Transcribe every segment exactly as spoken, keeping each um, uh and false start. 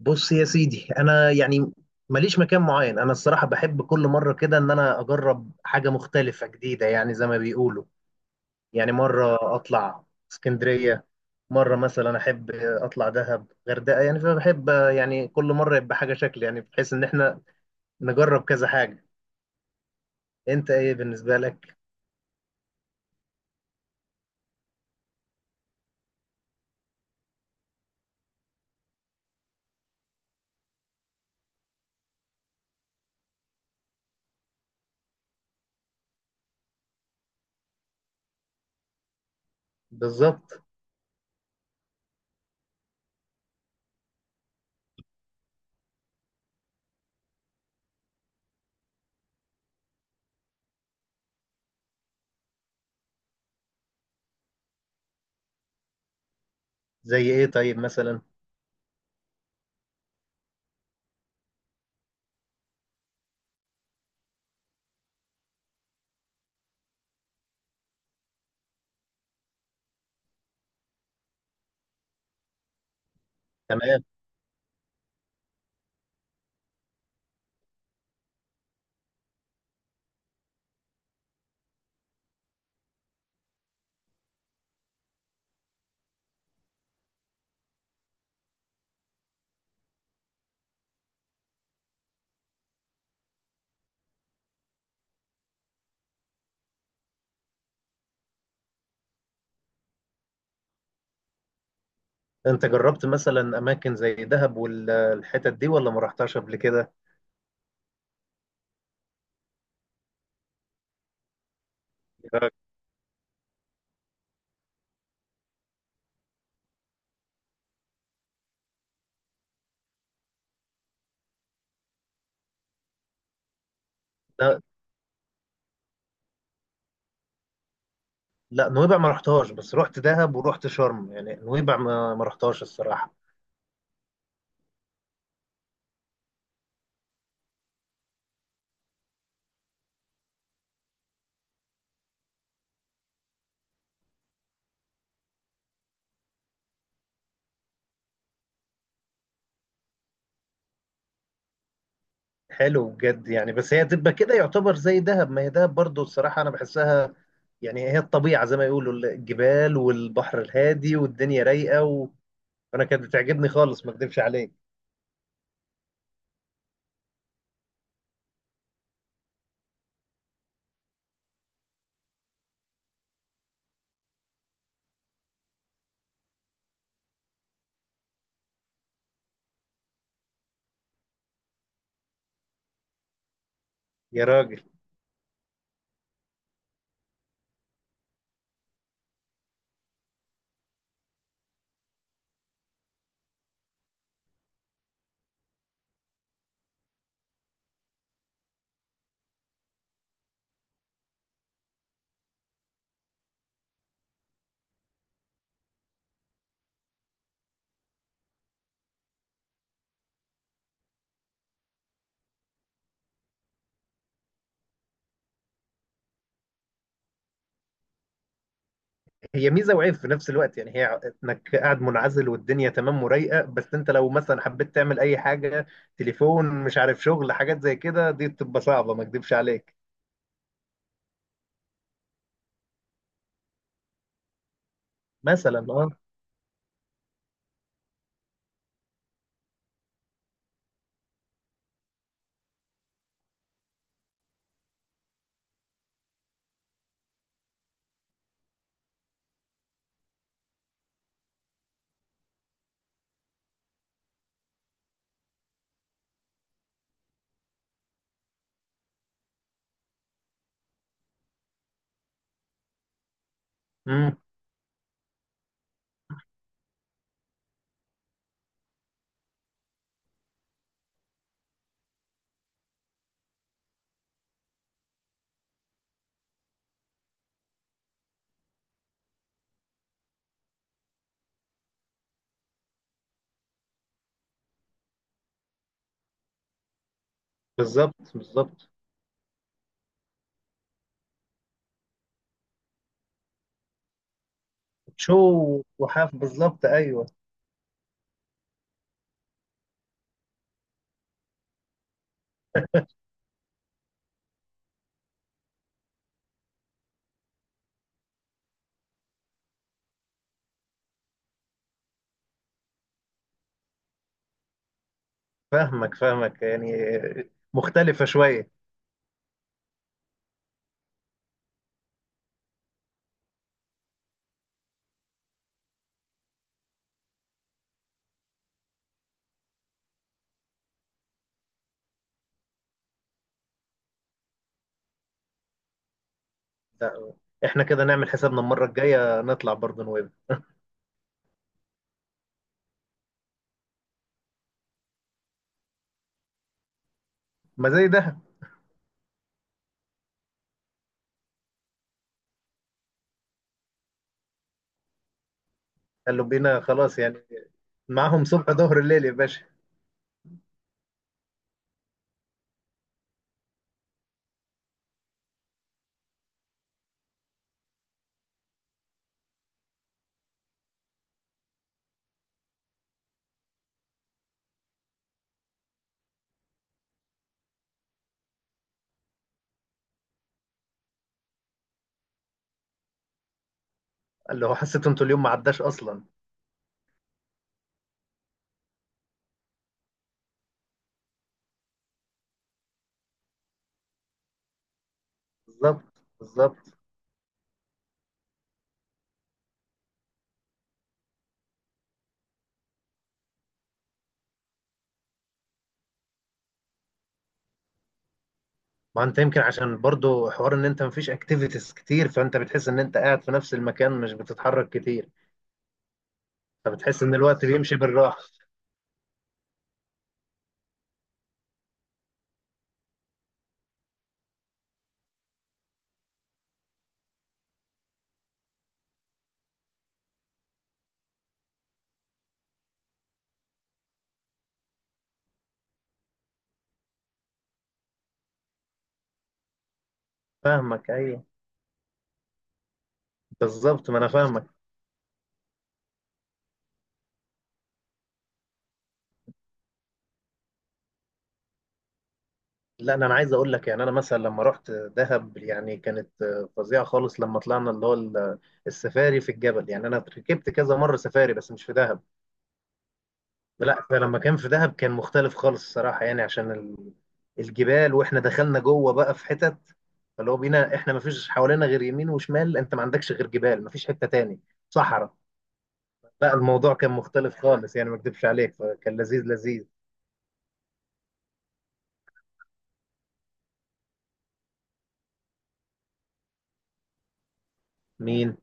بص يا سيدي، انا يعني ماليش مكان معين. انا الصراحه بحب كل مره كده ان انا اجرب حاجه مختلفه جديده، يعني زي ما بيقولوا. يعني مره اطلع اسكندريه، مره مثلا احب اطلع دهب غردقه، يعني فبحب يعني كل مره يبقى حاجه شكل، يعني بحيث ان احنا نجرب كذا حاجه. انت ايه بالنسبه لك؟ بالظبط. زي ايه طيب مثلا؟ تمام. انت جربت مثلا اماكن زي دهب والحتت دي ولا ما رحتهاش قبل كده؟ ده. لا، نويبع ما رحتهاش، بس رحت دهب ورحت شرم، يعني نويبع ما ما رحتهاش الصراحة. حلو بجد يعني، بس هي تبقى كده يعتبر زي دهب، ما هي دهب برضو الصراحة أنا بحسها. يعني هي الطبيعة زي ما يقولوا، الجبال والبحر الهادي والدنيا رايقة، و... وأنا كانت بتعجبني خالص ما أكدبش عليك. يا راجل. هي ميزة وعيب في نفس الوقت، يعني هي إنك قاعد منعزل والدنيا تمام ورايقة، بس أنت لو مثلا حبيت تعمل أي حاجة، تليفون مش عارف شغل، حاجات زي كده دي بتبقى صعبة ما أكدبش عليك. مثلا. أه، بالظبط بالظبط. شو. وحاف بالظبط، ايوه. فاهمك فاهمك يعني. مختلفة شوية. لا. احنا كده نعمل حسابنا المرة الجاية نطلع برضه نويبع. ما زي ده. قالوا بينا خلاص يعني. معاهم صبح ظهر الليل يا باشا. قال له حسيت انتوا اليوم ما عداش اصلا. بالظبط بالظبط. ما انت يمكن عشان برضه حوار ان انت مفيش اكتيفيتيز كتير، فانت بتحس ان انت قاعد في نفس المكان مش بتتحرك كتير. فبتحس ان الوقت بيمشي بالراحة. فاهمك، ايوه. بالظبط، ما انا فاهمك. لا، انا أنا عايز اقول لك، يعني انا مثلا لما رحت دهب يعني كانت فظيعه خالص، لما طلعنا اللي هو ال- السفاري في الجبل، يعني انا ركبت كذا مره سفاري بس مش في دهب. لا، فلما كان في دهب كان مختلف خالص الصراحه، يعني عشان ال- الجبال، واحنا دخلنا جوه بقى في حتت، فاللي هو بينا احنا ما فيش حوالينا غير يمين وشمال، انت ما عندكش غير جبال، ما فيش حته تاني، صحراء. لا الموضوع كان مختلف خالص يعني ما اكذبش عليك، فكان لذيذ لذيذ. مين؟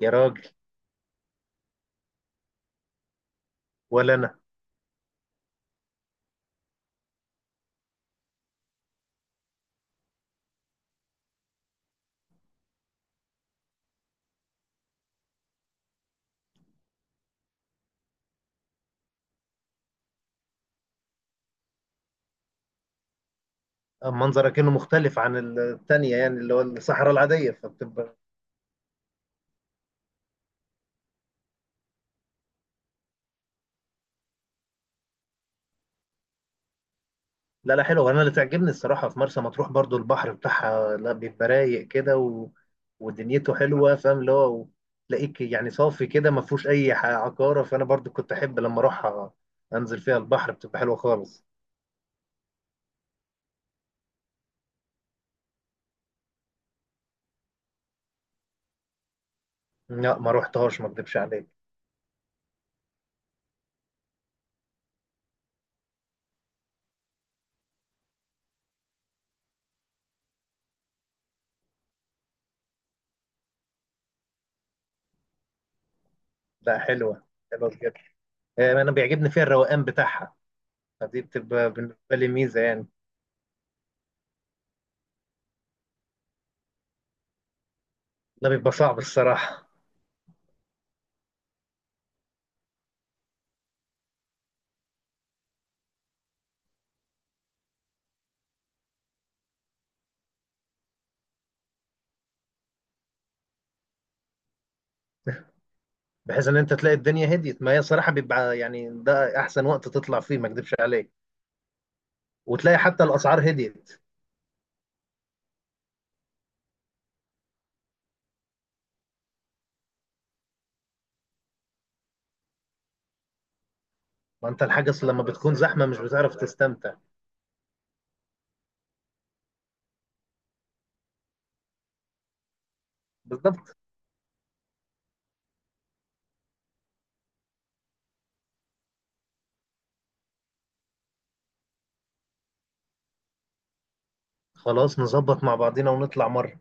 يا راجل. ولا. منظرك كأنه مختلف عن التانية، يعني اللي هو الصحراء العادية فبتبقى. لا لا حلو، انا اللي تعجبني الصراحة في مرسى مطروح برضو البحر بتاعها، لا بيبقى رايق كده و... ودنيته حلوة، فاهم اللي هو تلاقيك يعني صافي كده ما فيهوش اي ح- عقارة، فانا برضو كنت احب لما اروح انزل فيها البحر بتبقى حلوة خالص. لا ما روحتهاش ما اكدبش عليك. لا حلوة. حلوة بجد. آه، انا بيعجبني فيها الروقان بتاعها، فدي بتبقى بالنسبة لي ميزة يعني. ده بيبقى صعب الصراحة. بحيث ان انت تلاقي الدنيا هديت، ما هي صراحه بيبقى يعني ده احسن وقت تطلع فيه ما اكدبش عليك. وتلاقي حتى الاسعار هديت. ما انت الحاجه، أصل لما بتكون زحمه مش بتعرف تستمتع. بالضبط. خلاص نظبط مع بعضينا ونطلع مره.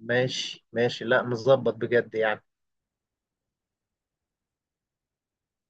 ماشي ماشي، لا نظبط بجد يعني.